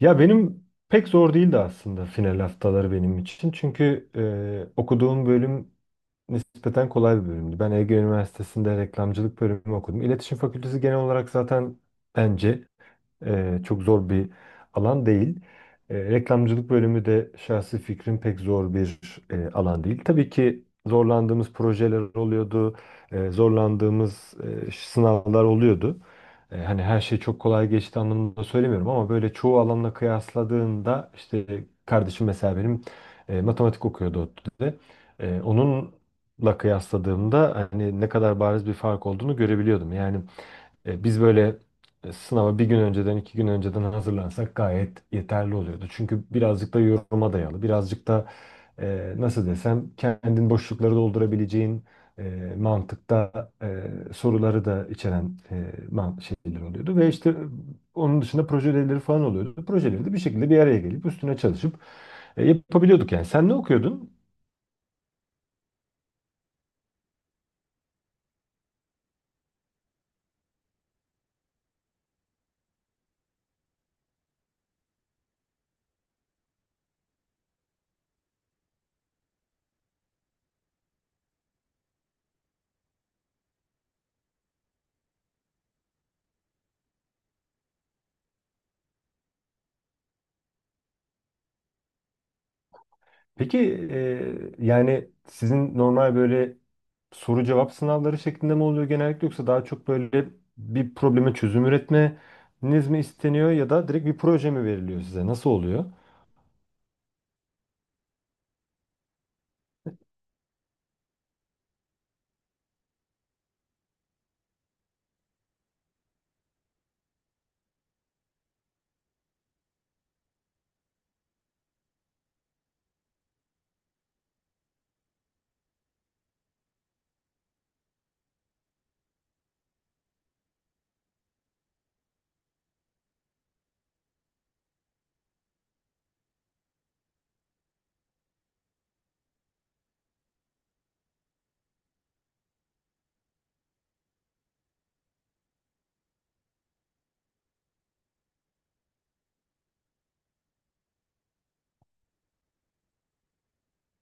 Ya benim pek zor değildi aslında final haftaları benim için. Çünkü okuduğum bölüm nispeten kolay bir bölümdü. Ben Ege Üniversitesi'nde reklamcılık bölümü okudum. İletişim Fakültesi genel olarak zaten bence çok zor bir alan değil. Reklamcılık bölümü de şahsi fikrim pek zor bir alan değil. Tabii ki zorlandığımız projeler oluyordu, zorlandığımız sınavlar oluyordu. Hani her şey çok kolay geçti anlamında söylemiyorum ama böyle çoğu alanla kıyasladığında işte kardeşim mesela benim matematik okuyordu ODTÜ'de. Onunla kıyasladığımda hani ne kadar bariz bir fark olduğunu görebiliyordum. Yani biz böyle sınava bir gün önceden, iki gün önceden hazırlansak gayet yeterli oluyordu. Çünkü birazcık da yoruma dayalı, birazcık da nasıl desem kendin boşlukları doldurabileceğin mantıkta soruları da içeren şeyler oluyordu. Ve işte onun dışında proje ödevleri falan oluyordu. Projeleri de bir şekilde bir araya gelip üstüne çalışıp yapabiliyorduk yani. Sen ne okuyordun? Peki yani sizin normal böyle soru cevap sınavları şeklinde mi oluyor genellikle yoksa daha çok böyle bir probleme çözüm üretmeniz mi isteniyor ya da direkt bir proje mi veriliyor size? Nasıl oluyor?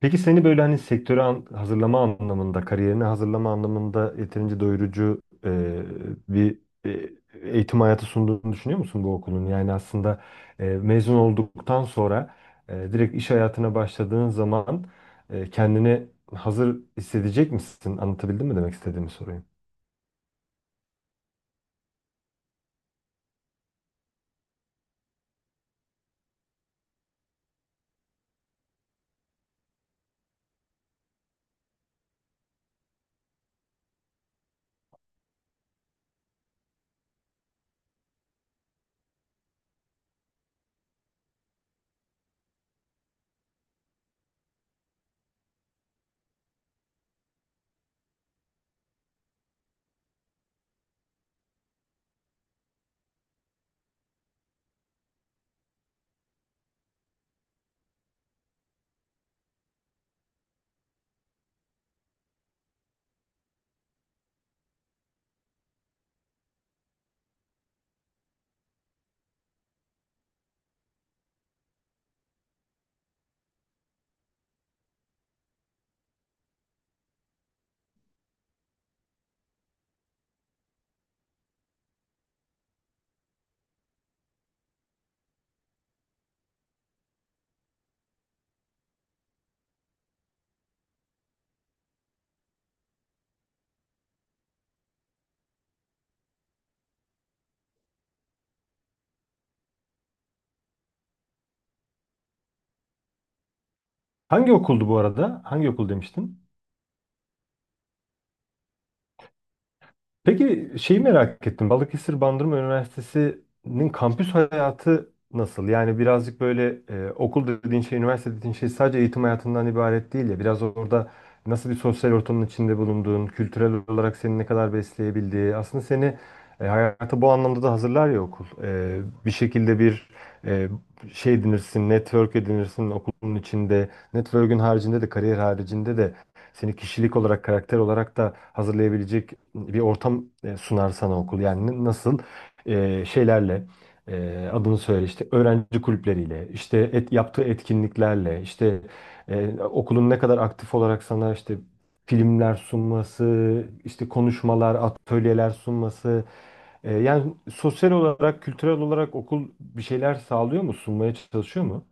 Peki seni böyle hani sektöre hazırlama anlamında, kariyerine hazırlama anlamında yeterince doyurucu bir e, eğitim hayatı sunduğunu düşünüyor musun bu okulun? Yani aslında mezun olduktan sonra direkt iş hayatına başladığın zaman kendini hazır hissedecek misin? Anlatabildim mi demek istediğimi sorayım. Hangi okuldu bu arada? Hangi okul demiştin? Peki şeyi merak ettim. Balıkesir Bandırma Üniversitesi'nin kampüs hayatı nasıl? Yani birazcık böyle okul dediğin şey, üniversite dediğin şey sadece eğitim hayatından ibaret değil ya. Biraz orada nasıl bir sosyal ortamın içinde bulunduğun, kültürel olarak seni ne kadar besleyebildiği, aslında seni hayata bu anlamda da hazırlar ya okul. Bir şekilde bir e, şey edinirsin, network edinirsin okulun içinde. Network'ün haricinde de, kariyer haricinde de seni kişilik olarak, karakter olarak da hazırlayabilecek bir ortam sunar sana okul. Yani nasıl şeylerle adını söyle işte öğrenci kulüpleriyle, işte yaptığı etkinliklerle, işte okulun ne kadar aktif olarak sana işte filmler sunması, işte konuşmalar, atölyeler sunması. Yani sosyal olarak, kültürel olarak okul bir şeyler sağlıyor mu, sunmaya çalışıyor mu?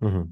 Hı hı.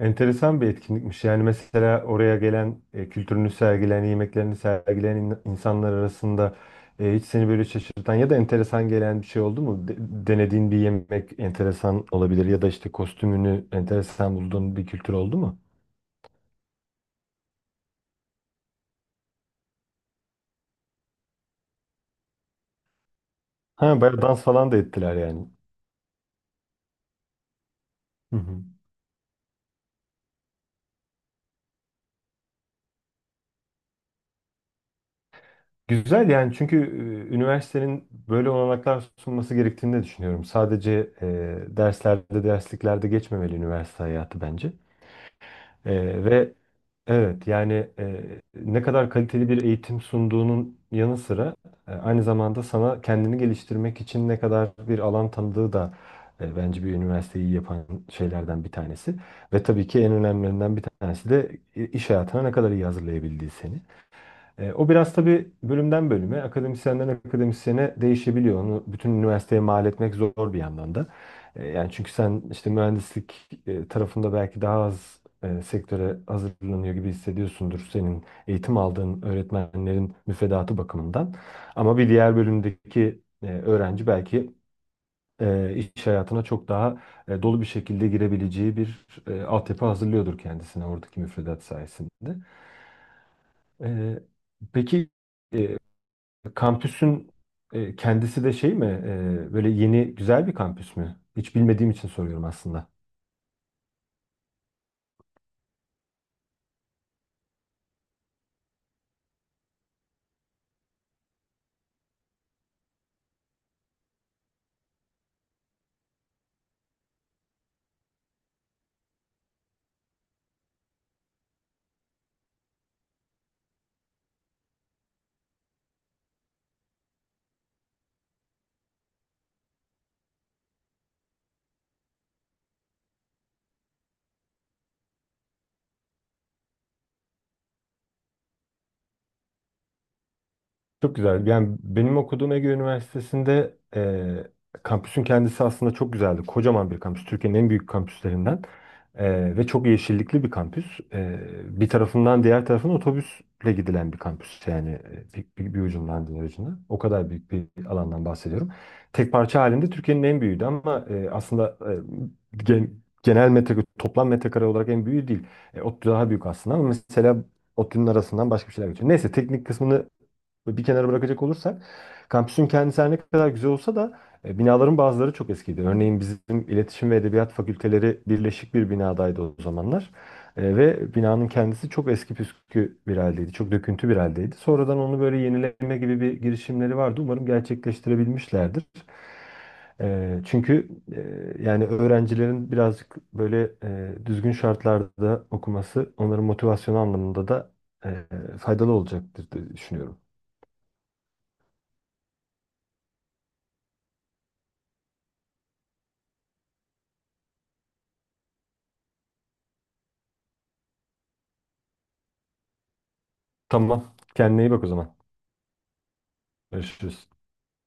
Enteresan bir etkinlikmiş. Yani mesela oraya gelen kültürünü sergileyen, yemeklerini sergileyen insanlar arasında hiç seni böyle şaşırtan ya da enteresan gelen bir şey oldu mu? Denediğin bir yemek enteresan olabilir ya da işte kostümünü enteresan bulduğun bir kültür oldu mu? Ha, bayağı dans falan da ettiler yani. Hı hı. Güzel yani çünkü üniversitenin böyle olanaklar sunması gerektiğini de düşünüyorum. Sadece derslerde, dersliklerde geçmemeli üniversite hayatı bence. Ve Evet yani ne kadar kaliteli bir eğitim sunduğunun yanı sıra aynı zamanda sana kendini geliştirmek için ne kadar bir alan tanıdığı da bence bir üniversiteyi yapan şeylerden bir tanesi. Ve tabii ki en önemlilerinden bir tanesi de iş hayatına ne kadar iyi hazırlayabildiği seni. O biraz tabii bölümden bölüme, akademisyenden akademisyene değişebiliyor. Onu bütün üniversiteye mal etmek zor bir yandan da. Yani çünkü sen işte mühendislik tarafında belki daha az sektöre hazırlanıyor gibi hissediyorsundur senin eğitim aldığın öğretmenlerin müfredatı bakımından. Ama bir diğer bölümdeki öğrenci belki iş hayatına çok daha dolu bir şekilde girebileceği bir altyapı hazırlıyordur kendisine oradaki müfredat sayesinde. E, peki. e, Kampüsün kendisi de şey mi? Böyle yeni güzel bir kampüs mü? Hiç bilmediğim için soruyorum aslında. Çok güzel. Yani benim okuduğum Ege Üniversitesi'nde kampüsün kendisi aslında çok güzeldi. Kocaman bir kampüs. Türkiye'nin en büyük kampüslerinden. Ve çok yeşillikli bir kampüs. Bir tarafından diğer tarafına otobüsle gidilen bir kampüs. Yani bir ucundan diğer ucuna. O kadar büyük bir alandan bahsediyorum. Tek parça halinde Türkiye'nin en büyüğüydü ama aslında e, gen- genel metrekare, toplam metrekare olarak en büyüğü değil. ODTÜ daha büyük aslında ama mesela ODTÜ'nün arasından başka bir şeyler geçiyor. Neyse teknik kısmını bir kenara bırakacak olursak kampüsün kendisi her ne kadar güzel olsa da binaların bazıları çok eskiydi. Örneğin bizim iletişim ve edebiyat fakülteleri birleşik bir binadaydı o zamanlar. Ve binanın kendisi çok eski püskü bir haldeydi. Çok döküntü bir haldeydi. Sonradan onu böyle yenileme gibi bir girişimleri vardı. Umarım gerçekleştirebilmişlerdir. E, çünkü yani öğrencilerin birazcık böyle düzgün şartlarda okuması onların motivasyonu anlamında da e, faydalı olacaktır diye düşünüyorum. Tamam. Kendine iyi bak o zaman. Görüşürüz.